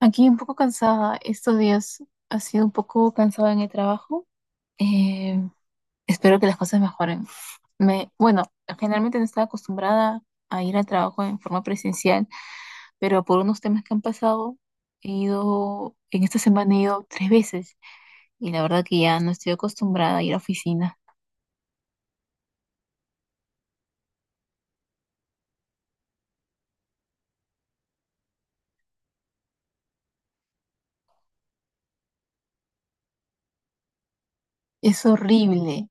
Aquí un poco cansada, estos días ha sido un poco cansada en el trabajo. Eh, Espero que las cosas mejoren. Bueno, generalmente no estaba acostumbrada a ir al trabajo en forma presencial, pero por unos temas que han pasado, en esta semana he ido tres veces y la verdad que ya no estoy acostumbrada a ir a oficina. Es horrible.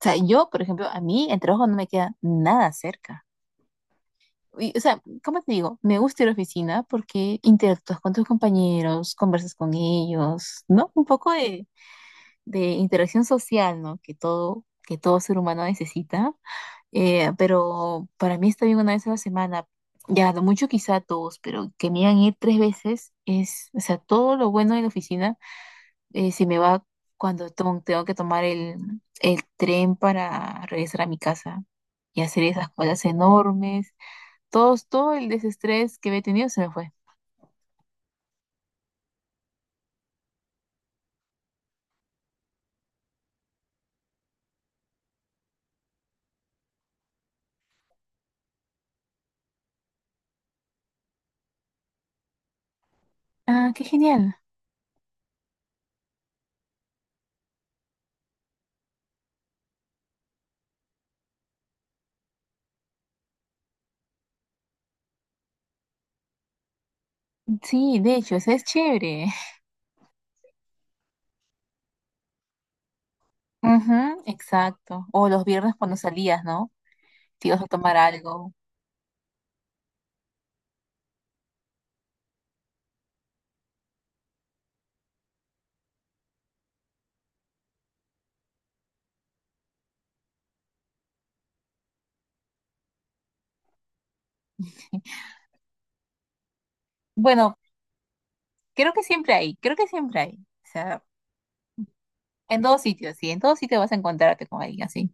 O sea, yo, por ejemplo, a mí el trabajo no me queda nada cerca. Y, o sea, ¿cómo te digo? Me gusta ir a la oficina porque interactúas con tus compañeros, conversas con ellos, ¿no? Un poco de interacción social, ¿no? Que todo ser humano necesita. Pero para mí está bien una vez a la semana. Ya, lo mucho quizá dos, pero que me hagan ir tres veces es, o sea, todo lo bueno de la oficina se me va cuando tengo que tomar el tren para regresar a mi casa y hacer esas cosas enormes todo el desestrés que había tenido se me fue. Ah, qué genial. Sí, de hecho, eso es chévere. Ujú, exacto. O los viernes cuando salías, ¿no? Te ibas a tomar algo. Bueno, creo que siempre hay. O sea, en todos sitios, sí, en todos sitios vas a encontrarte con alguien así.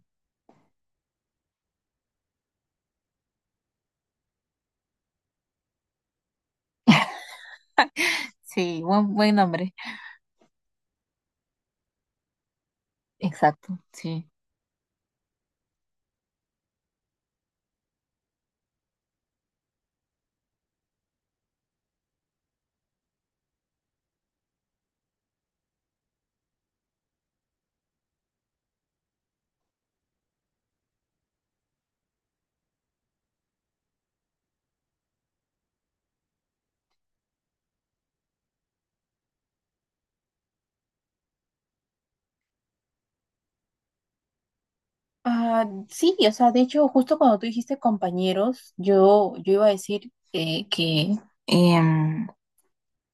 Sí, buen nombre. Exacto, sí. Ah, sí, o sea, de hecho, justo cuando tú dijiste compañeros, yo iba a decir Em,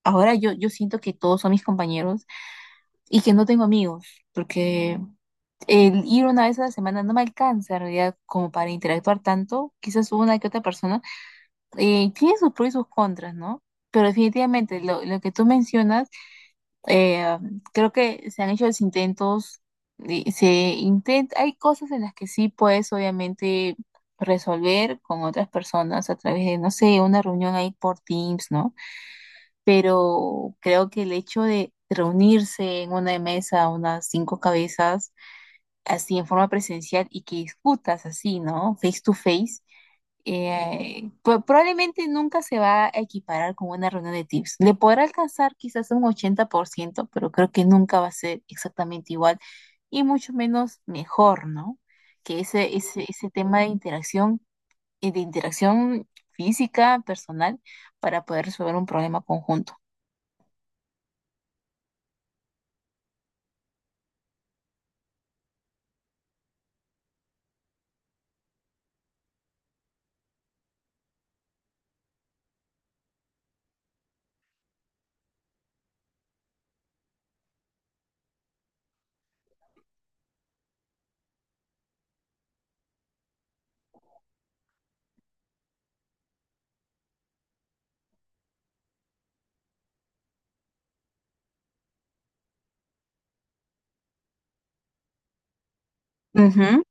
ahora yo siento que todos son mis compañeros y que no tengo amigos, porque el ir una vez a la semana no me alcanza en realidad como para interactuar tanto, quizás una que otra persona, tiene sus pros y sus contras, ¿no? Pero definitivamente lo que tú mencionas, eh, creo que se han hecho los intentos, y se intenta, hay cosas en las que sí puedes obviamente resolver con otras personas a través de, no sé, una reunión ahí por Teams, ¿no? Pero creo que el hecho de reunirse en una mesa, unas cinco cabezas, así en forma presencial y que discutas así, ¿no? Face to face, probablemente nunca se va a equiparar con una reunión de tips. Le podrá alcanzar quizás un 80%, pero creo que nunca va a ser exactamente igual y mucho menos mejor, ¿no? Que ese tema de interacción física, personal, para poder resolver un problema conjunto. Ujú.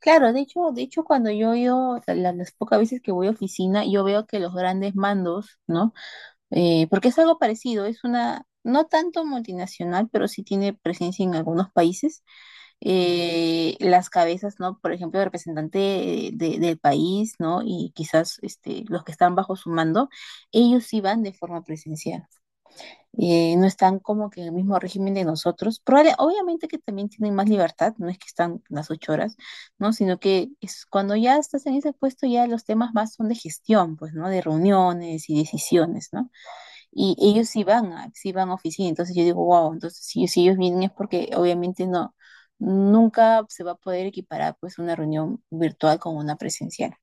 Claro, de hecho, cuando yo he o sea, las pocas veces que voy a oficina, yo veo que los grandes mandos, ¿no? Porque es algo parecido, es una, no tanto multinacional, pero sí tiene presencia en algunos países. Las cabezas, ¿no? Por ejemplo, el representante del país, ¿no? Y quizás este, los que están bajo su mando, ellos sí van de forma presencial. No están como que en el mismo régimen de nosotros. Obviamente que también tienen más libertad, no es que están las 8 horas, ¿no? Sino que es cuando ya estás en ese puesto, ya los temas más son de gestión, pues, ¿no? De reuniones y decisiones, ¿no? Y ellos sí van a oficina, entonces yo digo, wow, entonces si ellos vienen es porque obviamente no, nunca se va a poder equiparar, pues, una reunión virtual con una presencial.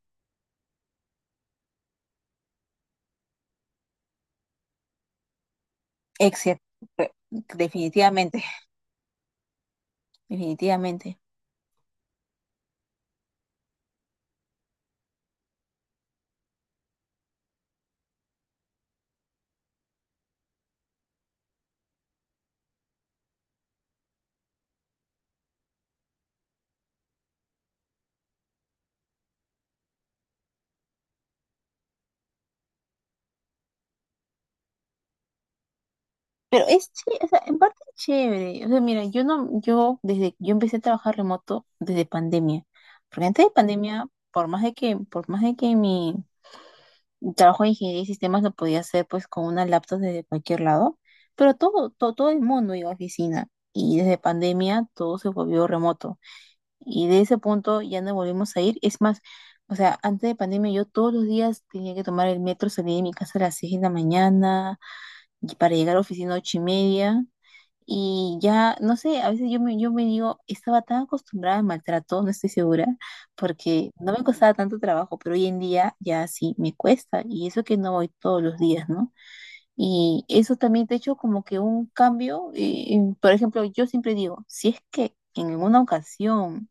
Excepto, definitivamente, definitivamente. Pero es chévere, o sea, en parte es chévere. O sea, mira, yo no, yo desde, yo empecé a trabajar remoto desde pandemia. Porque antes de pandemia, por más de que mi trabajo de ingeniería y sistemas lo podía hacer pues con una laptop desde cualquier lado, pero todo el mundo iba a oficina. Y desde pandemia todo se volvió remoto. Y de ese punto ya no volvimos a ir. Es más, o sea, antes de pandemia yo todos los días tenía que tomar el metro, salir de mi casa a las 6 de la mañana y para llegar a la oficina a 8 y media. Y ya, no sé, a veces yo me digo, estaba tan acostumbrada al maltrato, no estoy segura, porque no me costaba tanto trabajo, pero hoy en día ya sí me cuesta, y eso que no voy todos los días, ¿no? Y eso también te ha hecho como que un cambio, por ejemplo, yo siempre digo, si es que en alguna ocasión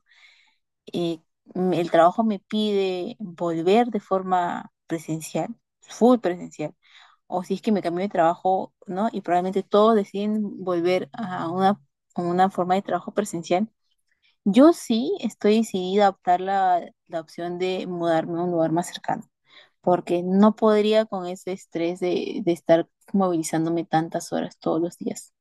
eh, el trabajo me pide volver de forma presencial, full presencial, o si es que me cambio de trabajo, ¿no? Y probablemente todos deciden volver a una, forma de trabajo presencial. Yo sí estoy decidida a optar la opción de mudarme a un lugar más cercano, porque no podría con ese estrés de estar movilizándome tantas horas todos los días.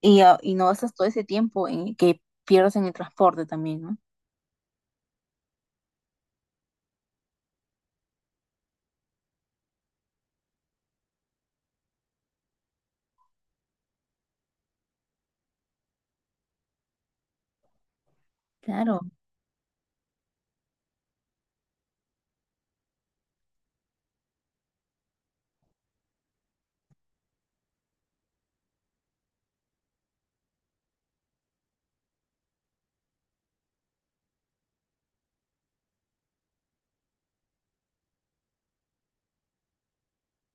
Y, ah, y no gastas todo ese tiempo en, que pierdes en el transporte también, ¿no? Claro,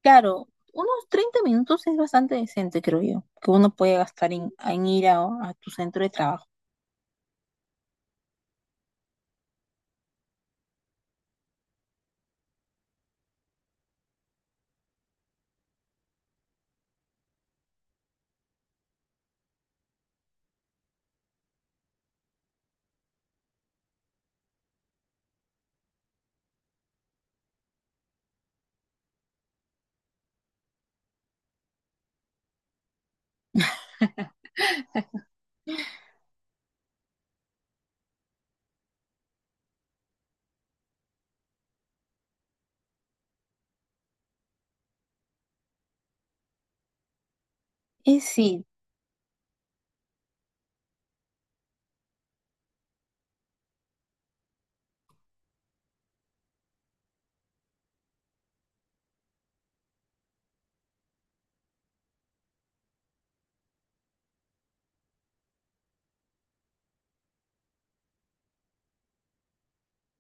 claro. Unos 30 minutos es bastante decente, creo yo, que uno puede gastar en ir a tu centro de trabajo. Es sí.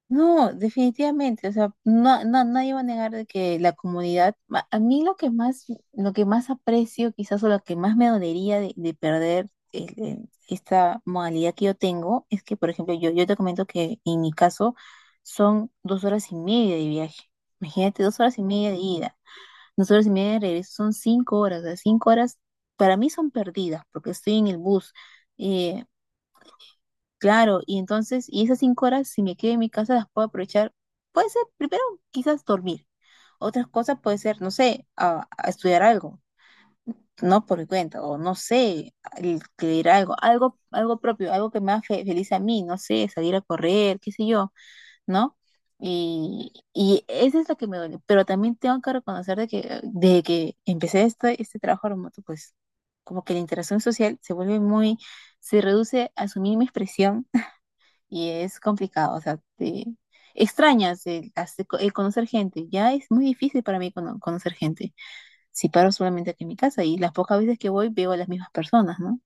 No, definitivamente, o sea, no, no, nadie va a negar de que a mí lo que más aprecio quizás o lo que más me dolería de perder esta modalidad que yo tengo es que, por ejemplo, yo te comento que en mi caso son 2 horas y media de viaje. Imagínate, 2 horas y media de ida, 2 horas y media de regreso, son 5 horas, o sea, 5 horas para mí son perdidas porque estoy en el bus. eh, Claro, y entonces, y esas 5 horas, si me quedo en mi casa, las puedo aprovechar. Puede ser, primero, quizás dormir. Otras cosas puede ser, no sé, a estudiar algo, no por mi cuenta, o no sé, leer algo, algo propio, algo que me haga feliz a mí, no sé, salir a correr, qué sé yo, ¿no? Y esa es la que me duele. Pero también tengo que reconocer de que empecé este trabajo remoto, pues como que la interacción social se vuelve muy, se reduce a su mínima expresión y es complicado, o sea, te extrañas el conocer gente, ya es muy difícil para mí conocer gente, si paro solamente aquí en mi casa y las pocas veces que voy veo a las mismas personas, ¿no?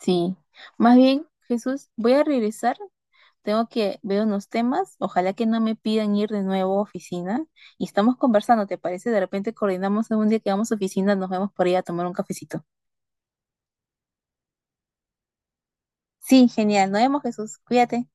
Sí, más bien, Jesús, voy a regresar, tengo que ver unos temas, ojalá que no me pidan ir de nuevo a oficina y estamos conversando, ¿te parece? De repente coordinamos algún día que vamos a oficina, nos vemos por ahí a tomar un cafecito. Sí, genial, nos vemos, Jesús, cuídate.